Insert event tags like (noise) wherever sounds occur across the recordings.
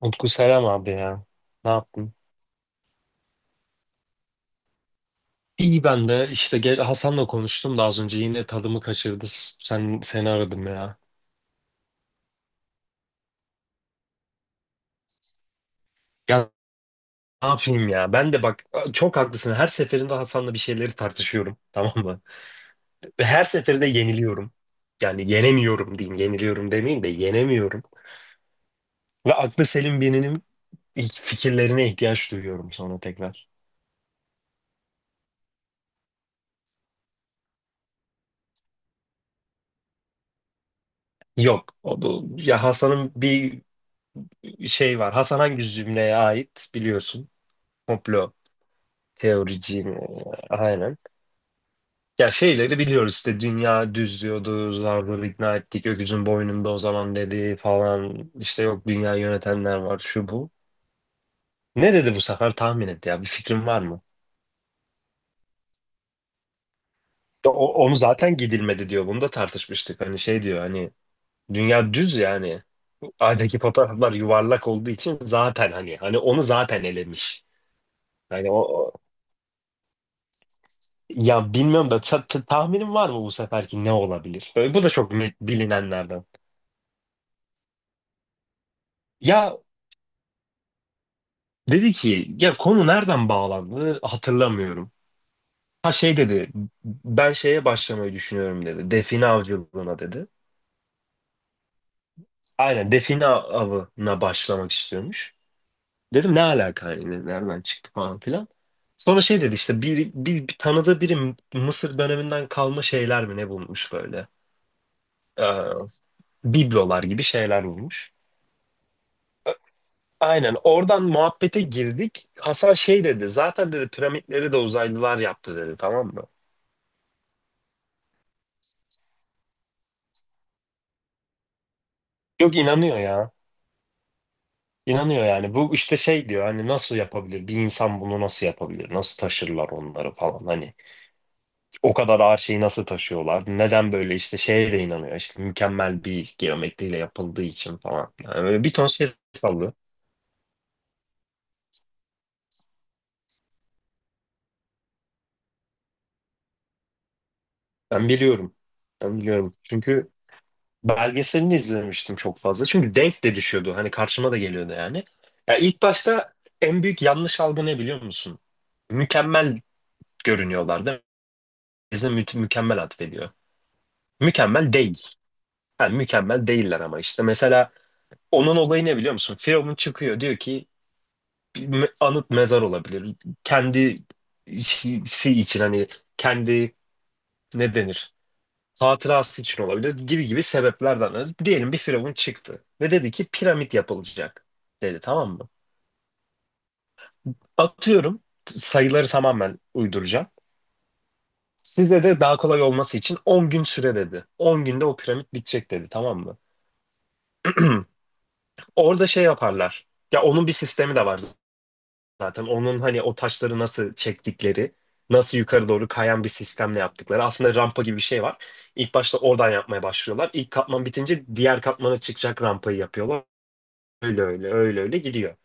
Utku selam abi ya. Ne yaptın? İyi ben de işte gel Hasan'la konuştum da az önce yine tadımı kaçırdı. Seni aradım ya. Ya ne yapayım ya? Ben de bak çok haklısın. Her seferinde Hasan'la bir şeyleri tartışıyorum. (laughs) Tamam mı? Ve her seferinde yeniliyorum. Yani yenemiyorum diyeyim. Yeniliyorum demeyeyim de yenemiyorum. Ve aklı selim birinin fikirlerine ihtiyaç duyuyorum sonra tekrar. Yok. O, ya Hasan'ın bir şey var. Hasan hangi cümleye ait biliyorsun. Komplo teoriciyim. Aynen. Ya şeyleri biliyoruz işte dünya düz diyordu, zarları ikna ettik, öküzün boynunda o zaman dedi falan. İşte yok dünya yönetenler var şu bu. Ne dedi bu sefer tahmin et ya bir fikrin var mı? Ya onu zaten gidilmedi diyor. Bunu da tartışmıştık. Hani şey diyor hani dünya düz yani. Aydaki fotoğraflar yuvarlak olduğu için zaten hani onu zaten elemiş. Yani ya bilmiyorum da tahminin var mı bu seferki ne olabilir? Böyle, bu da çok net bilinenlerden. Ya dedi ki ya konu nereden bağlandı hatırlamıyorum. Ha şey dedi ben şeye başlamayı düşünüyorum dedi. Define avcılığına dedi. Aynen define avına başlamak istiyormuş. Dedim ne alaka hani nereden çıktı falan filan. Sonra şey dedi işte bir tanıdığı biri Mısır döneminden kalma şeyler mi ne bulmuş böyle. Ee, Biblolar gibi şeyler bulmuş. Aynen oradan muhabbete girdik. Hasan şey dedi zaten dedi piramitleri de uzaylılar yaptı dedi tamam mı? Yok inanıyor ya. İnanıyor yani. Bu işte şey diyor hani nasıl yapabilir? Bir insan bunu nasıl yapabilir? Nasıl taşırlar onları falan hani. O kadar ağır şeyi nasıl taşıyorlar? Neden böyle işte şeye de inanıyor. İşte mükemmel bir geometriyle yapıldığı için falan. Yani böyle bir ton şey sallıyor. Ben biliyorum. Ben biliyorum. Çünkü belgeselini izlemiştim çok fazla. Çünkü denk de düşüyordu. Hani karşıma da geliyordu yani. Ya ilk başta en büyük yanlış algı ne biliyor musun? Mükemmel görünüyorlar değil mi? Bize mükemmel atfediyor. Mükemmel değil. Yani mükemmel değiller ama işte mesela onun olayı ne biliyor musun? Firavun çıkıyor diyor ki bir anıt mezar olabilir. Kendisi için hani kendi ne denir? Hatırası için olabilir gibi gibi sebeplerden ötürü. Diyelim bir Firavun çıktı ve dedi ki piramit yapılacak dedi tamam mı? Atıyorum sayıları tamamen uyduracağım. Size de daha kolay olması için 10 gün süre dedi. 10 günde o piramit bitecek dedi tamam mı? Orada şey yaparlar. Ya onun bir sistemi de var zaten onun hani o taşları nasıl çektikleri, nasıl yukarı doğru kayan bir sistemle yaptıkları. Aslında rampa gibi bir şey var. İlk başta oradan yapmaya başlıyorlar. İlk katman bitince diğer katmana çıkacak rampayı yapıyorlar. Öyle öyle öyle öyle gidiyor.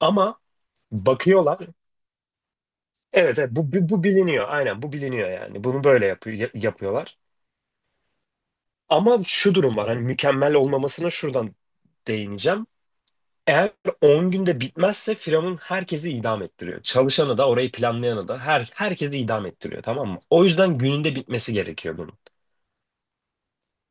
Ama bakıyorlar. Evet, evet bu biliniyor. Aynen bu biliniyor yani. Bunu böyle yapıyor, yapıyorlar. Ama şu durum var. Hani mükemmel olmamasına şuradan değineceğim. Eğer 10 günde bitmezse Firavun herkesi idam ettiriyor. Çalışanı da orayı planlayanı da herkesi idam ettiriyor tamam mı? O yüzden gününde bitmesi gerekiyor bunun.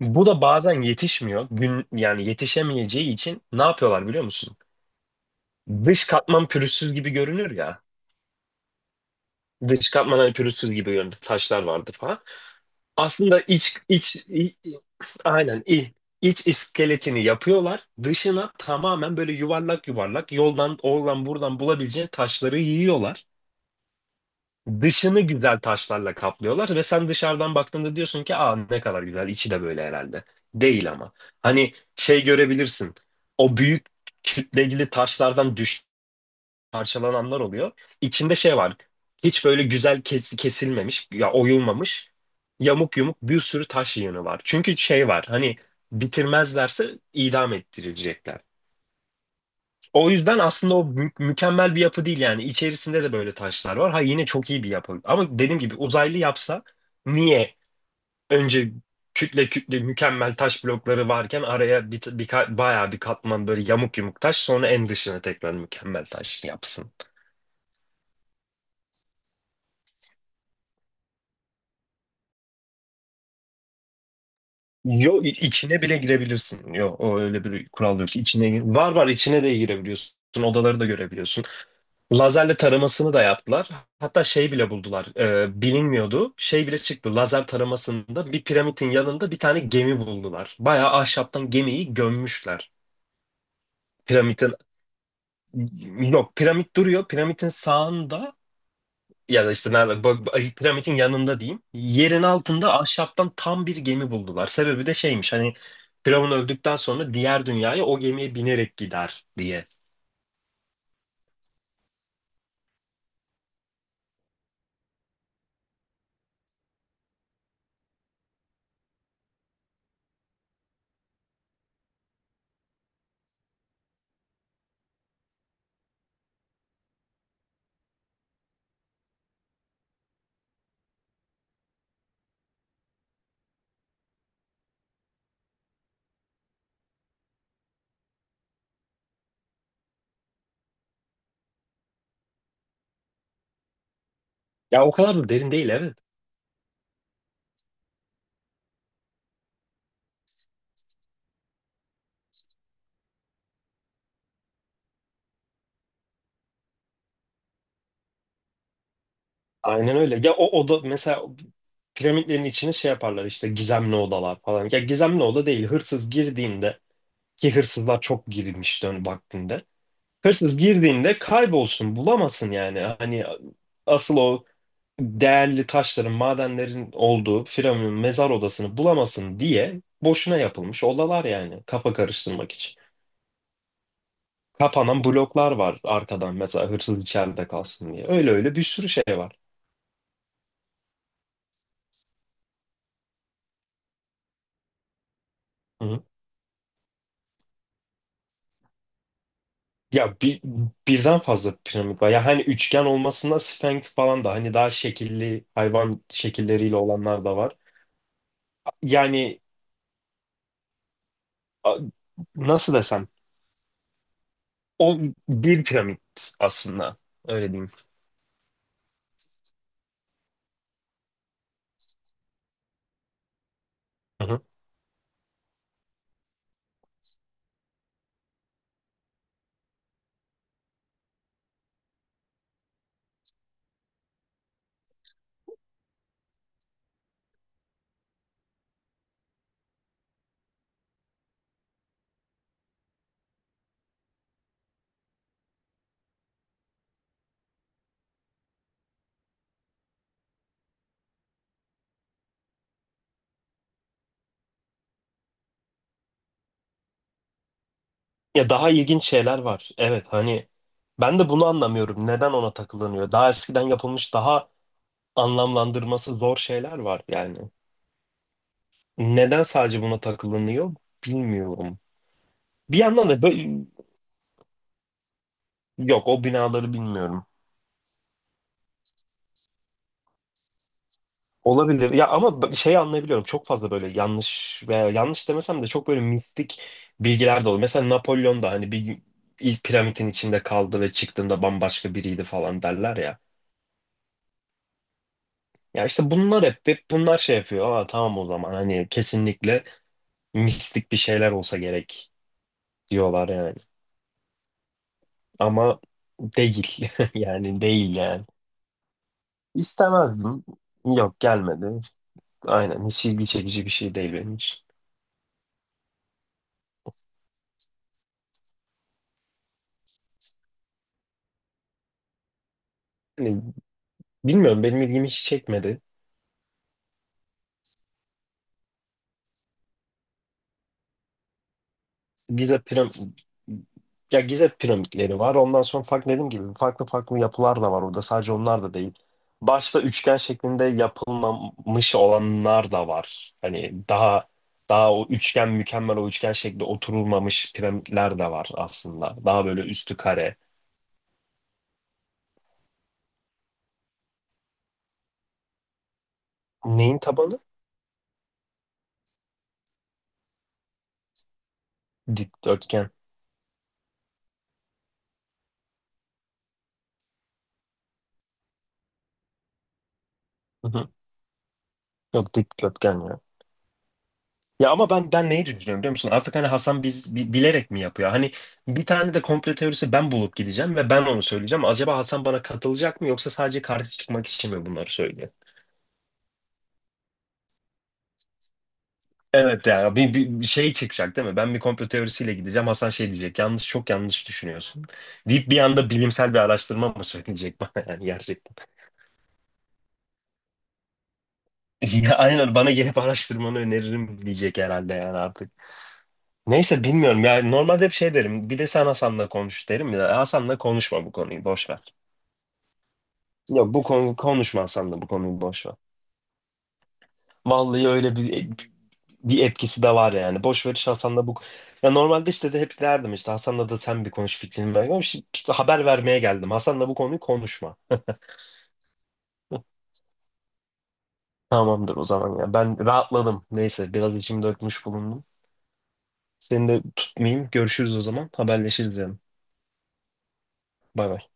Bu da bazen yetişmiyor. Gün yani yetişemeyeceği için ne yapıyorlar biliyor musun? Dış katman pürüzsüz gibi görünür ya. Dış katman hani pürüzsüz gibi görünür. Taşlar vardır falan. Aslında iç iç i- i- aynen i- iç iskeletini yapıyorlar. Dışına tamamen böyle yuvarlak yuvarlak yoldan oradan buradan bulabileceğin taşları yiyorlar. Dışını güzel taşlarla kaplıyorlar ve sen dışarıdan baktığında diyorsun ki aa ne kadar güzel içi de böyle herhalde. Değil ama. Hani şey görebilirsin. O büyük kütleli taşlardan düş parçalananlar oluyor. İçinde şey var. Hiç böyle güzel kesilmemiş ya oyulmamış. Yamuk yumuk bir sürü taş yığını var. Çünkü şey var. Hani bitirmezlerse idam ettirilecekler. O yüzden aslında o mükemmel bir yapı değil yani. İçerisinde de böyle taşlar var. Ha yine çok iyi bir yapı. Ama dediğim gibi uzaylı yapsa niye önce kütle kütle mükemmel taş blokları varken araya bir bayağı bir katman böyle yamuk yumuk taş sonra en dışına tekrar mükemmel taş yapsın. Yo içine bile girebilirsin. Yo o öyle bir kural yok. İçine var, içine de girebiliyorsun. Odaları da görebiliyorsun. Lazerle taramasını da yaptılar. Hatta şey bile buldular. Bilinmiyordu. Şey bile çıktı. Lazer taramasında bir piramidin yanında bir tane gemi buldular. Bayağı ahşaptan gemiyi gömmüşler. Piramidin yok, piramit duruyor. Piramidin sağında ya da işte nerede piramidin yanında diyeyim. Yerin altında ahşaptan tam bir gemi buldular. Sebebi de şeymiş hani Firavun öldükten sonra diğer dünyaya o gemiye binerek gider diye. Ya o kadar da derin değil evet. Aynen öyle. Ya o oda mesela piramitlerin içine şey yaparlar işte gizemli odalar falan. Ya gizemli oda değil. Hırsız girdiğinde ki hırsızlar çok girilmişti ön vaktinde. Hırsız girdiğinde kaybolsun, bulamasın yani. Hani asıl o değerli taşların, madenlerin olduğu piramidin mezar odasını bulamasın diye boşuna yapılmış odalar yani kafa karıştırmak için. Kapanan bloklar var arkadan mesela hırsız içeride kalsın diye. Öyle öyle bir sürü şey var. Ya birden fazla piramit var. Ya hani üçgen olmasına sphinx falan da hani daha şekilli hayvan şekilleriyle olanlar da var. Yani a- nasıl desem o bir piramit aslında öyle diyeyim. Hı hı. Ya daha ilginç şeyler var. Evet hani ben de bunu anlamıyorum. Neden ona takılanıyor? Daha eskiden yapılmış daha anlamlandırması zor şeyler var yani. Neden sadece buna takılanıyor bilmiyorum. Bir yandan da böyle- yok o binaları bilmiyorum. Olabilir. Ya ama şey anlayabiliyorum. Çok fazla böyle yanlış veya yanlış demesem de çok böyle mistik bilgiler de oluyor. Mesela Napolyon da hani bir gün ilk piramidin içinde kaldı ve çıktığında bambaşka biriydi falan derler ya. Ya işte bunlar hep bunlar şey yapıyor. Aa tamam o zaman hani kesinlikle mistik bir şeyler olsa gerek diyorlar yani. Ama değil. (laughs) Yani değil yani. İstemezdim. Yok gelmedi. Aynen hiç ilgi çekici bir şey değil benim için. Hani bilmiyorum benim ilgimi hiç çekmedi. Gize piram ya Gize piramitleri var. Ondan sonra farklı dediğim gibi farklı farklı yapılar da var orada. Sadece onlar da değil. Başta üçgen şeklinde yapılmamış olanlar da var. Hani daha o üçgen mükemmel o üçgen şekli oturulmamış piramitler de var aslında. Daha böyle üstü kare. Neyin tabanı? Dikdörtgen. Hı hı. Yok dikdörtgen ya. Ya ama ben neyi düşünüyorum biliyor musun? Artık hani Hasan biz bilerek mi yapıyor? Hani bir tane de komplo teorisi ben bulup gideceğim ve ben onu söyleyeceğim. Acaba Hasan bana katılacak mı yoksa sadece karşı çıkmak için mi bunları söylüyor? Evet ya bir (laughs) şey çıkacak değil mi? Ben bir komplo teorisiyle gideceğim. Hasan şey diyecek. Yanlış çok yanlış düşünüyorsun. Deyip bir anda bilimsel bir araştırma mı söyleyecek bana (laughs) yani gerçekten. Ya aynen bana gelip araştırmanı öneririm diyecek herhalde yani artık. Neyse bilmiyorum ya normalde hep şey derim. Bir de sen Hasan'la konuş derim ya. Hasan'la konuşma bu konuyu boş ver. Yok bu konu konuşmasan da bu konuyu boş ver. Vallahi öyle bir etkisi de var yani. Boş ver işte Hasan'la bu. Ya normalde işte de hep derdim işte Hasan'la da sen bir konuş fikrini ver. Ama şimdi işte haber vermeye geldim. Hasan'la bu konuyu konuşma. Tamamdır o zaman ya. Ben rahatladım. Neyse biraz içimi dökmüş bulundum. Seni de tutmayayım. Görüşürüz o zaman. Haberleşiriz yani. Bay bay.